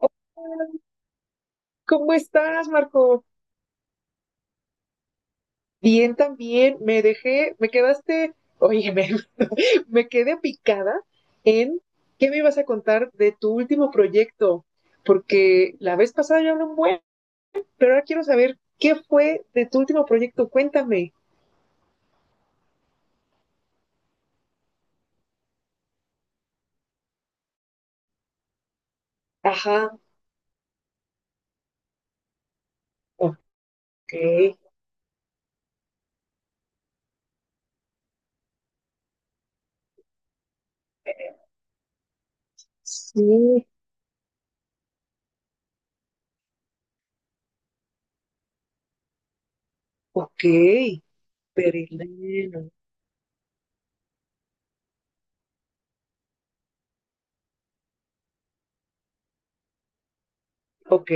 Oh, ¿cómo estás, Marco? Bien, también. Me dejé, me quedaste, oye, me quedé picada en qué me ibas a contar de tu último proyecto, porque la vez pasada yo hablé un buen, pero ahora quiero saber qué fue de tu último proyecto. Cuéntame. Ajá. Ok. Sí. Ok, pero ok.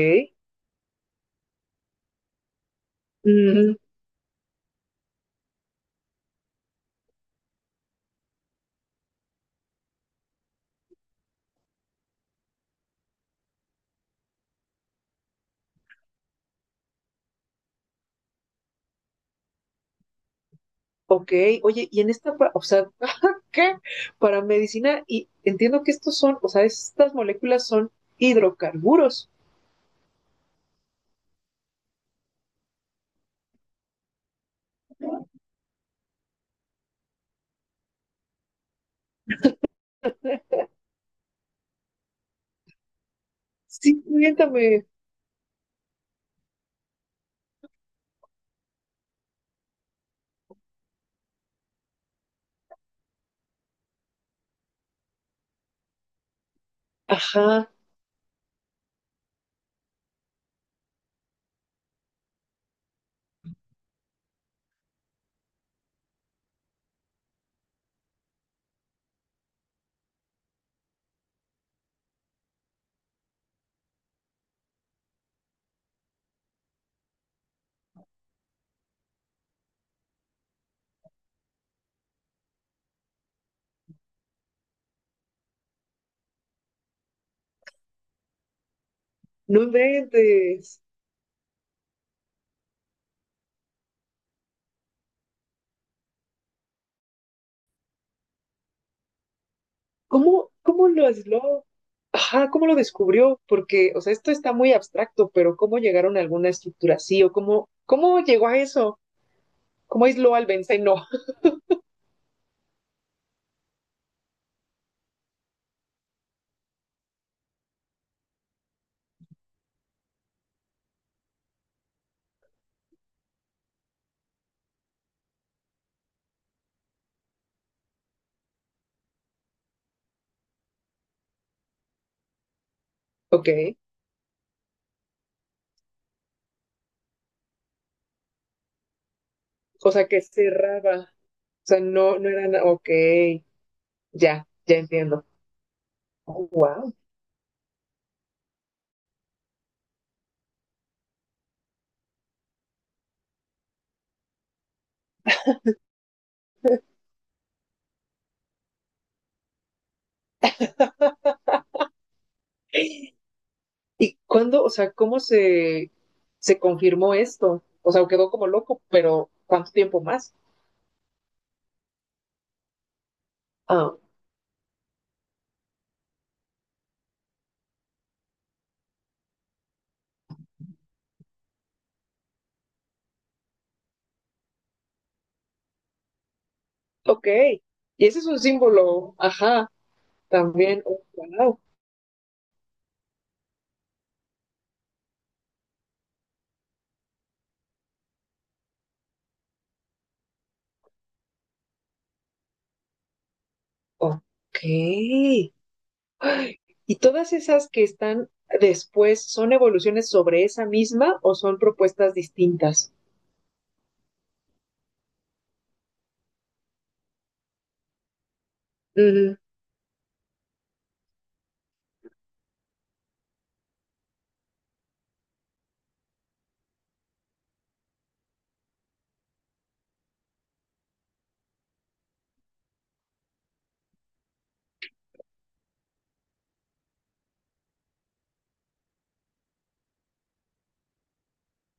Ok. Oye, y en esta, o sea, ¿qué? Para medicina, y entiendo que estos son, o sea, estas moléculas son hidrocarburos. Sí, cuéntame. Ajá, no inventes. ¿Cómo lo aisló? Ajá, ¿cómo lo descubrió? Porque, o sea, esto está muy abstracto, pero ¿cómo llegaron a alguna estructura así? ¿O cómo llegó a eso? ¿Cómo aisló al benceno? Ok, o sea, que cerraba. O sea, no, no era nada. Ok, ya, ya entiendo. Wow. ¿Y cuándo, o sea, cómo se confirmó esto? O sea, quedó como loco, pero ¿cuánto tiempo más? Ah, ok. Y ese es un símbolo, ajá, también. Oh, wow. Ok. Ay, ¿y todas esas que están después son evoluciones sobre esa misma o son propuestas distintas? Mm.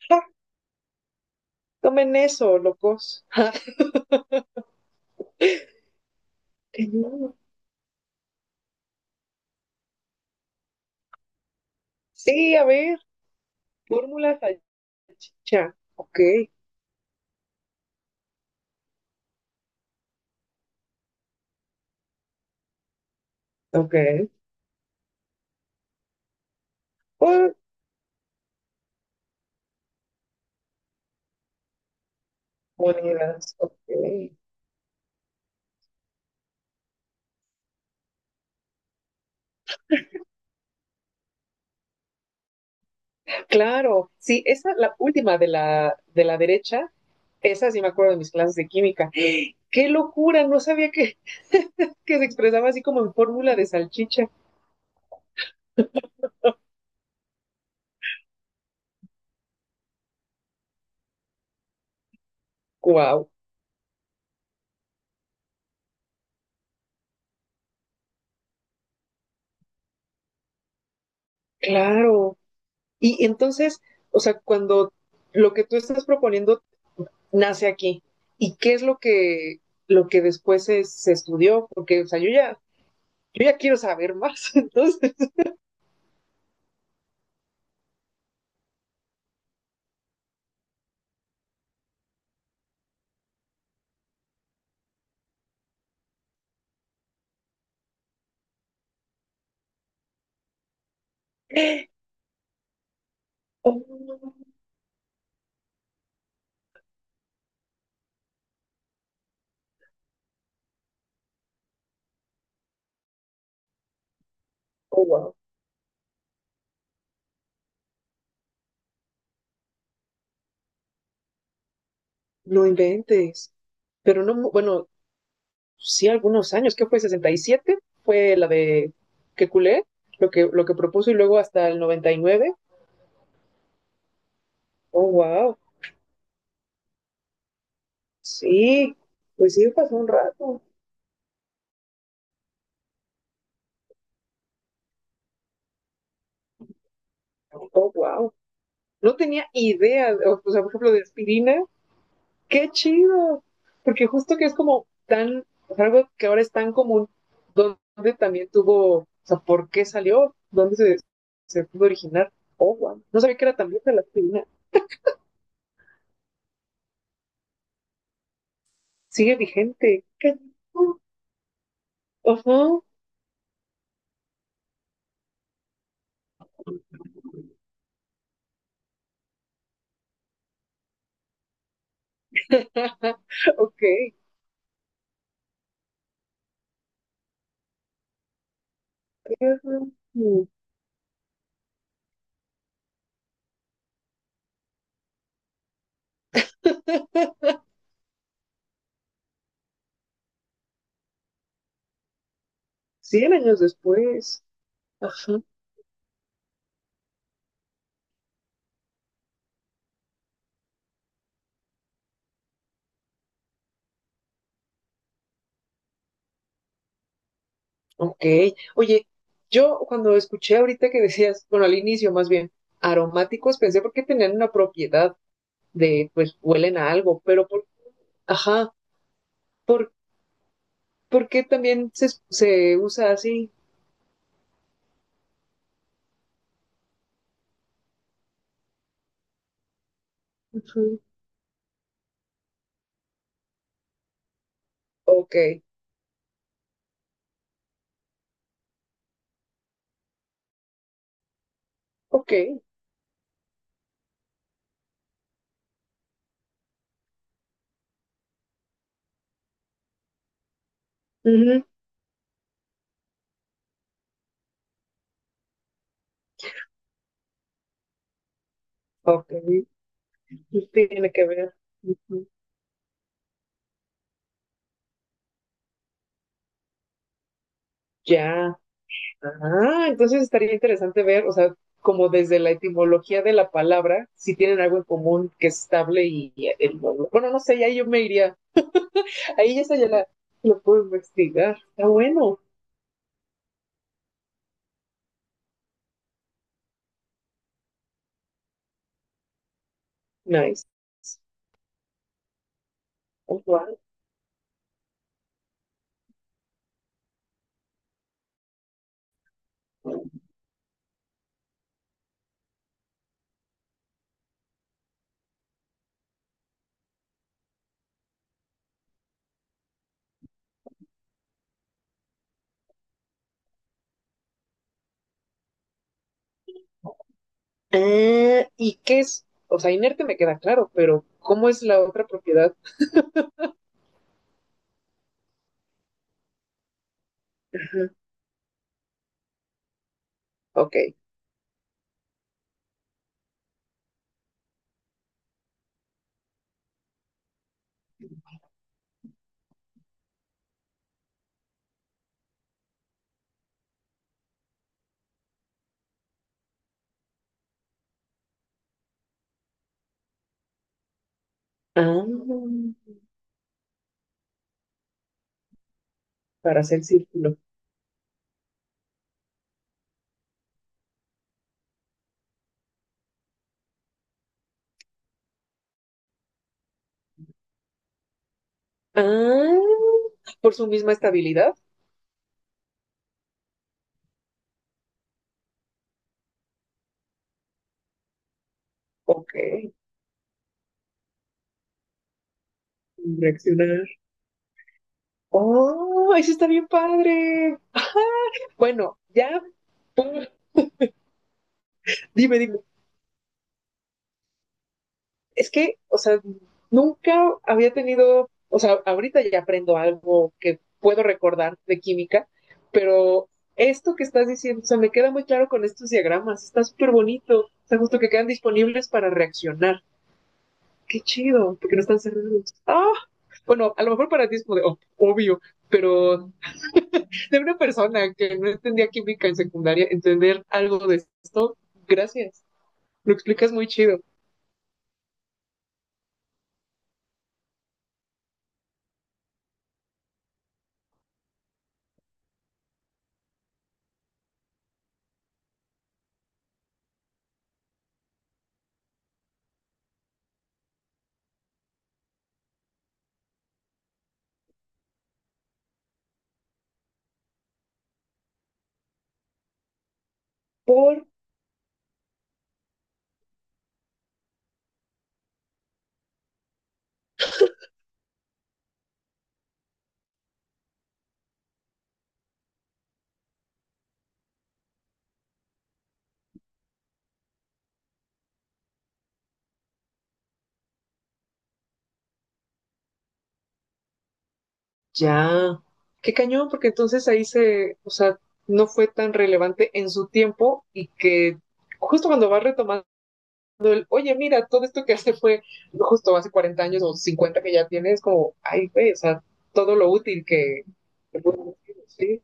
Ja, tomen eso, locos. Ja, qué miedo. Sí, a ver, fórmula salchicha. Ok, ok. Pues, monedas, ok. Claro, sí, esa, la última de la derecha, esa sí me acuerdo de mis clases de química. ¡Qué locura! No sabía que se expresaba así como en fórmula de salchicha. ¡Guau! Claro. Y entonces, o sea, cuando lo que tú estás proponiendo nace aquí, ¿y qué es lo que después se estudió? Porque, o sea, yo ya quiero saber más. Entonces, oh, oh, wow, no inventes. Pero no, bueno, sí, algunos años, que fue 67 fue la de que culé, lo que propuso y luego hasta el 99. Oh, wow. Sí, pues sí, pasó un rato. Oh, wow. No tenía idea, o sea, por ejemplo, de aspirina. Qué chido. Porque justo que es como tan, o sea, algo que ahora es tan común, donde también tuvo, o sea, ¿por qué salió? ¿Dónde se pudo originar? Oh, wow. No sabía que era tan vieja la aspirina. Sigue vigente. Qué chido. Ajá. Ok. Mm, 100 años después. Ajá. Ok. Oye, yo cuando escuché ahorita que decías, bueno, al inicio más bien, aromáticos, pensé porque tenían una propiedad de, pues, huelen a algo, pero ajá, por, ¿por qué también se usa así? Ujú. Ok, ok. Ujú. Ok. Tiene que ver. Ujú. Ya. Ah, entonces estaría interesante ver, o sea, como desde la etimología de la palabra, si tienen algo en común que es estable y bueno, no sé, y ahí yo me iría, ahí esa ya lo puedo investigar. Está bueno, nice. Guau. Ah, ¿y qué es? O sea, inerte me queda claro, pero ¿cómo es la otra propiedad? Ajá, ok. Ah, para hacer círculo. Ah, por su misma estabilidad. Ok. Reaccionar. Oh, eso está bien padre. Bueno, ya, dime, dime. Es que, o sea, nunca había tenido, o sea, ahorita ya aprendo algo que puedo recordar de química, pero esto que estás diciendo, o sea, me queda muy claro con estos diagramas, está súper bonito, o sea, justo que quedan disponibles para reaccionar. Qué chido, porque no están cerrados. Ah, bueno, a lo mejor para ti es como de oh, obvio, pero de una persona que no entendía química en secundaria, entender algo de esto, gracias. Lo explicas muy chido. Por Ya. Qué cañón, porque entonces ahí o sea, no fue tan relevante en su tiempo y que justo cuando vas retomando, oye, mira, todo esto que hace fue justo hace 40 años o 50 que ya tienes, como, ay, güey, o sea, todo lo útil que... Sí,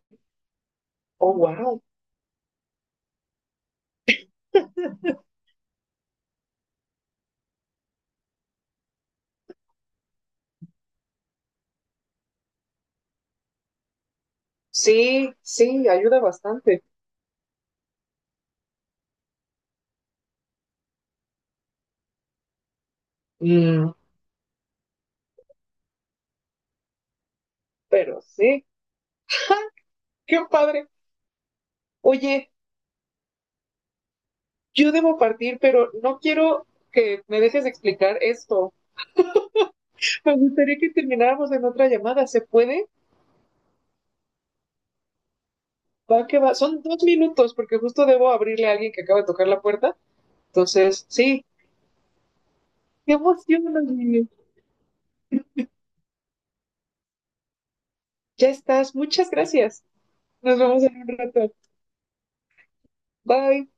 oh, wow. Sí, sí, ayuda bastante. Mm, pero sí. Qué padre. Oye, yo debo partir, pero no quiero que me dejes de explicar esto. Me gustaría que termináramos en otra llamada. ¿Se puede? Va que va. Son 2 minutos porque justo debo abrirle a alguien que acaba de tocar la puerta. Entonces, sí. Qué emoción, Olivia. Ya estás. Muchas gracias. Nos vemos en un rato. Bye.